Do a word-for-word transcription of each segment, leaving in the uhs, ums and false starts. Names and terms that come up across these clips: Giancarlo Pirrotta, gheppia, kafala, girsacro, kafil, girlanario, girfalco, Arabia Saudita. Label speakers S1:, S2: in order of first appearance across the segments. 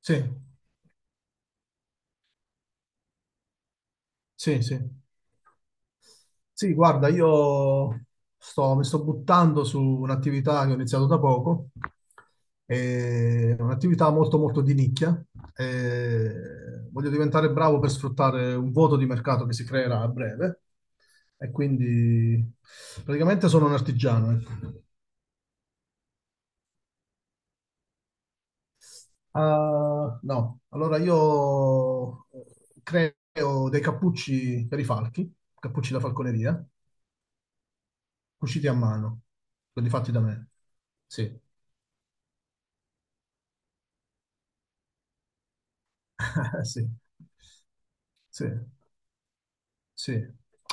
S1: Sì, sì, sì. Sì, guarda, io sto- mi sto buttando su un'attività che ho iniziato da poco, è un'attività molto molto di nicchia. E voglio diventare bravo per sfruttare un vuoto di mercato che si creerà a breve, e quindi praticamente sono un artigiano. Ecco. Ah, no, allora io creo dei cappucci per i falchi, cappucci da falconeria, cuciti a mano, quelli fatti da me. Sì. Sì, sì, sì.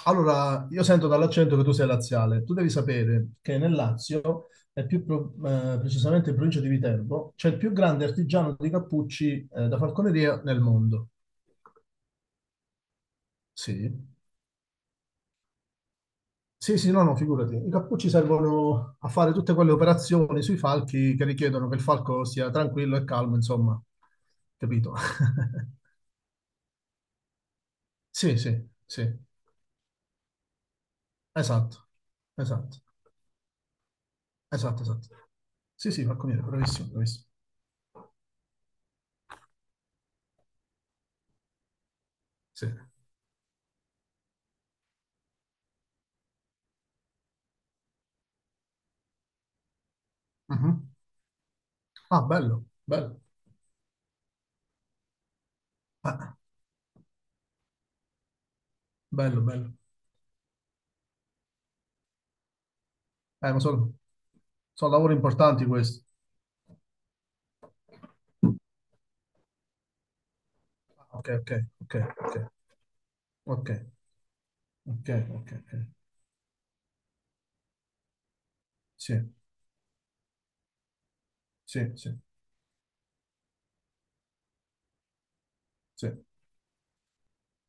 S1: Allora, io sento dall'accento che tu sei laziale. Tu devi sapere che nel Lazio, e più pro- eh, precisamente in provincia di Viterbo, c'è il più grande artigiano di cappucci eh, da falconeria nel mondo. Sì, sì, sì, no, no, figurati. I cappucci servono a fare tutte quelle operazioni sui falchi che richiedono che il falco sia tranquillo e calmo, insomma, capito? Sì, sì, sì. Esatto, esatto, esatto, esatto. Sì, sì, falconiere, bravissimo, bravissimo. Sì. Mhm. Ah, bello, bello. Ah, bello, bello. Eh, ma sono, sono lavori importanti questi. Ah, ok, ok, ok, ok, ok, ok, ok, ok. Sì, sì, sì, sì,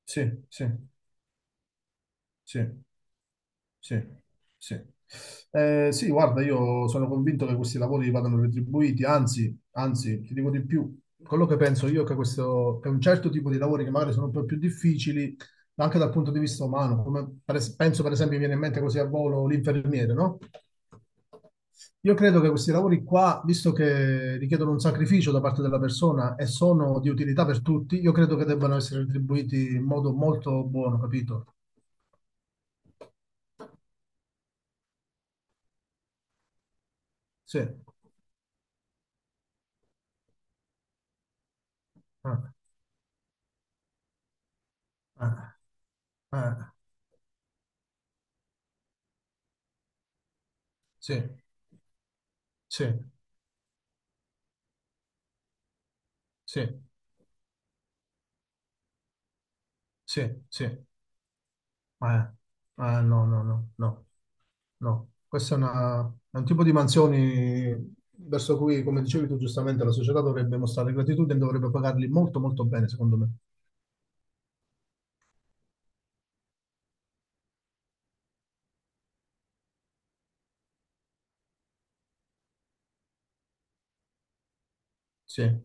S1: sì, sì, sì, sì. Sì, sì. Eh, sì, guarda, io sono convinto che questi lavori vadano retribuiti, anzi, anzi, ti dico di più, quello che penso io è che questo, che un certo tipo di lavori che magari sono un po' più difficili, ma anche dal punto di vista umano, come per es- penso per esempio mi viene in mente così a volo l'infermiere, no? Io credo che questi lavori qua, visto che richiedono un sacrificio da parte della persona e sono di utilità per tutti, io credo che debbano essere retribuiti in modo molto buono, capito? Sì. Ah, ah. Eh, sì, sì, sì, sì, sì. Eh, eh, no, no, no, no, no. Questo è, una- è un tipo di mansioni verso cui, come dicevi tu giustamente, la società dovrebbe mostrare gratitudine e dovrebbe pagarli molto, molto bene, secondo me. Sì, eh,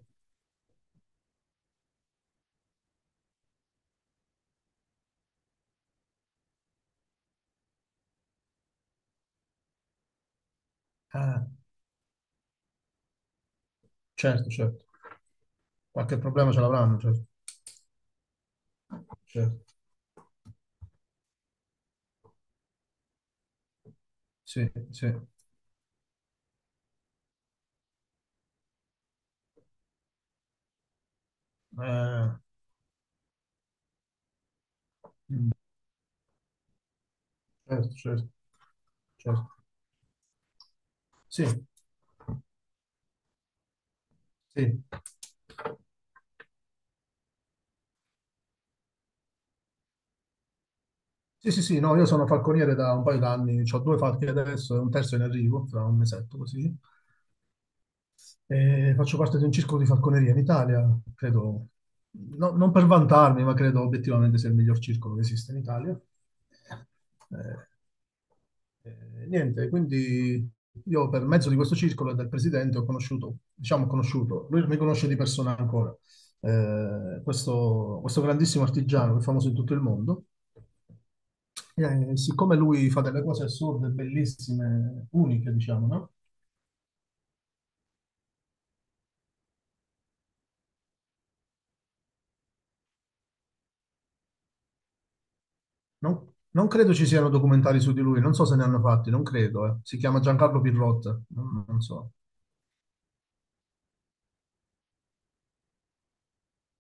S1: certo, certo. Qualche problema ce l'avranno, certo. Certo. Sì, sì. Eh, certo, certo, certo. Sì, sì. Sì, sì, sì, no, io sono falconiere da un paio d'anni, ho due falchi adesso e un terzo in arrivo, tra un mesetto così. E faccio parte di un circolo di falconeria in Italia, credo, no- non per vantarmi, ma credo obiettivamente sia il miglior circolo che esiste in Italia. Eh, eh, niente, quindi io per mezzo di questo circolo e del presidente ho conosciuto, diciamo conosciuto, lui mi conosce di persona ancora, eh, questo, questo grandissimo artigiano che è famoso in tutto il mondo. Eh, siccome lui fa delle cose assurde, bellissime, uniche, diciamo, no? Non, non credo ci siano documentari su di lui, non so se ne hanno fatti, non credo. Eh. Si chiama Giancarlo Pirrotta, non, non so.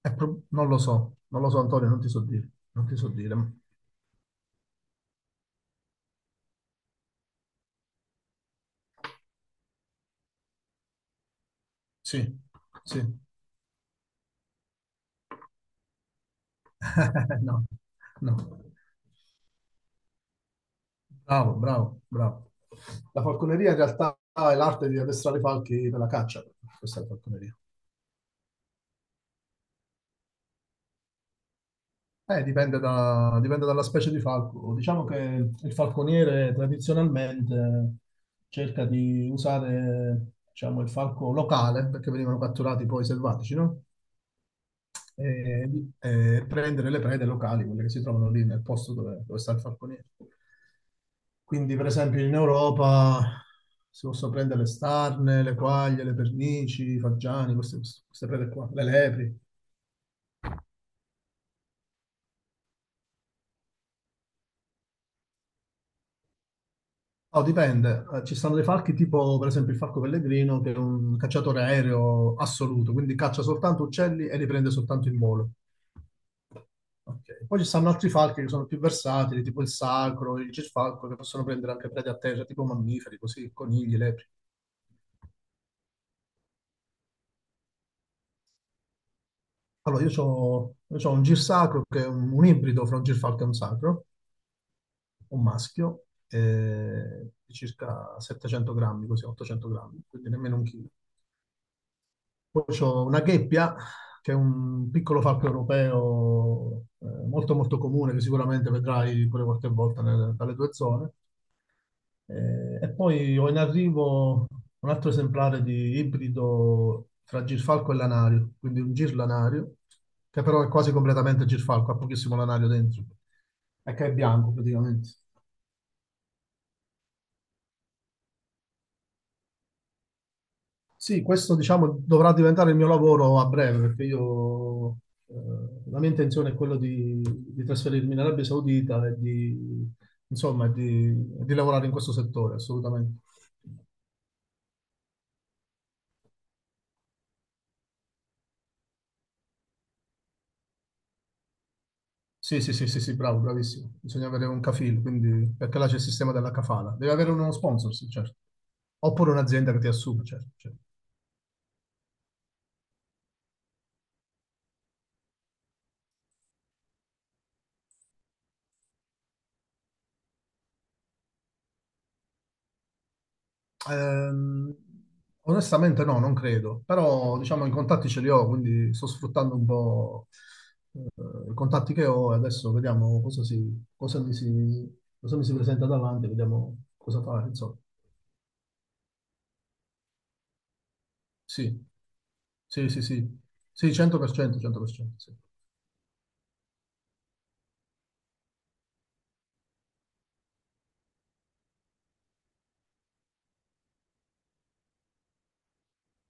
S1: È pro- non lo so, non lo so, Antonio, non ti so dire, non ti so dire. Sì, sì. No, no. Bravo, bravo, bravo. La falconeria in realtà è l'arte di addestrare i falchi per la caccia. Questa è la falconeria. Eh, dipende da- dipende dalla specie di falco. Diciamo che il falconiere tradizionalmente cerca di usare, diciamo, il falco locale, perché venivano catturati poi selvatici, no? e, e prendere le prede locali, quelle che si trovano lì nel posto dove, dove sta il falconiere. Quindi, per esempio, in Europa si possono prendere le starne, le quaglie, le pernici, i fagiani, queste, queste prede qua, le lepri. Oh, dipende. Eh, Ci stanno dei falchi tipo, per esempio, il falco pellegrino, che è un cacciatore aereo assoluto, quindi caccia soltanto uccelli e li prende soltanto in volo. Ok. Poi ci stanno altri falchi che sono più versatili, tipo il sacro, il gisfalco, che possono prendere anche prede a terra, tipo mammiferi, così, conigli, lepri. Allora, io ho un girsacro che è un, un ibrido fra un girfalco e un sacro, un maschio, eh, di circa settecento grammi, così, ottocento grammi, quindi nemmeno un chilo. Poi c'ho una gheppia, che è un piccolo falco europeo, eh, molto molto comune, che sicuramente vedrai pure qualche volta nel- dalle tue zone. Eh, e poi ho in arrivo un altro esemplare di ibrido fra girfalco e lanario, quindi un girlanario, che però è quasi completamente girfalco, ha pochissimo lanario dentro, e che è bianco praticamente. Sì, questo diciamo dovrà diventare il mio lavoro a breve perché io eh, la mia intenzione è quella di, di trasferirmi in Arabia Saudita e di, insomma, di, di lavorare in questo settore, assolutamente. Sì, sì, sì, sì, sì, bravo, bravissimo. Bisogna avere un kafil, quindi, perché là c'è il sistema della kafala. Devi avere uno sponsor, sì, certo. Oppure un'azienda che ti assume, certo. Certo. Ehm, onestamente no, non credo, però diciamo i contatti ce li ho, quindi sto sfruttando un po' eh, i contatti che ho e adesso vediamo cosa, si, cosa, mi si, cosa mi si presenta davanti, vediamo cosa fare, insomma. Sì, sì, sì, sì, sì, cento per cento, cento per cento, sì,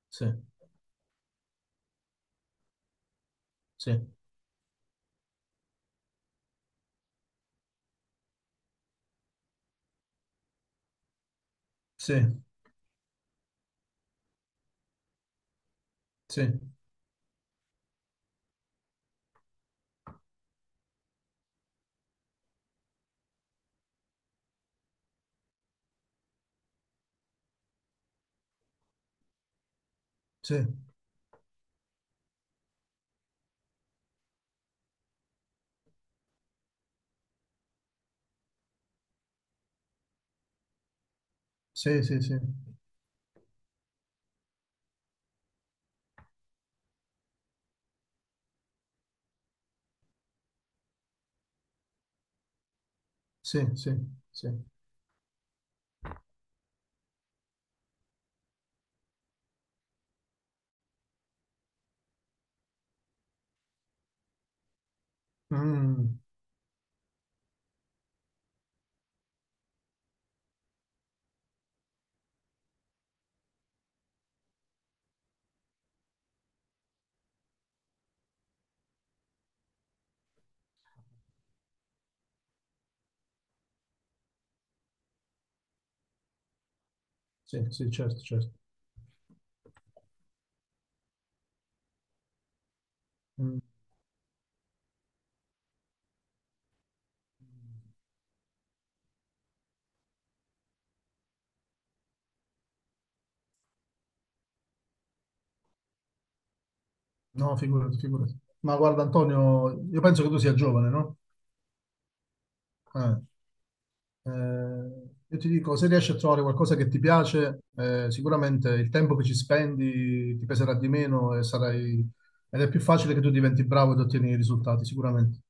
S1: sì, sì, sì, sì, sì, sì, sì, sì, sì, sì, sì. Mm, sì, sì, certo, certo. Mm. No, figurati, figurati. Ma guarda, Antonio, io penso che tu sia giovane, no? Eh, eh, io ti dico, se riesci a trovare qualcosa che ti piace, eh, sicuramente il tempo che ci spendi ti peserà di meno e sarai... ed è più facile che tu diventi bravo ed ottieni i risultati, sicuramente.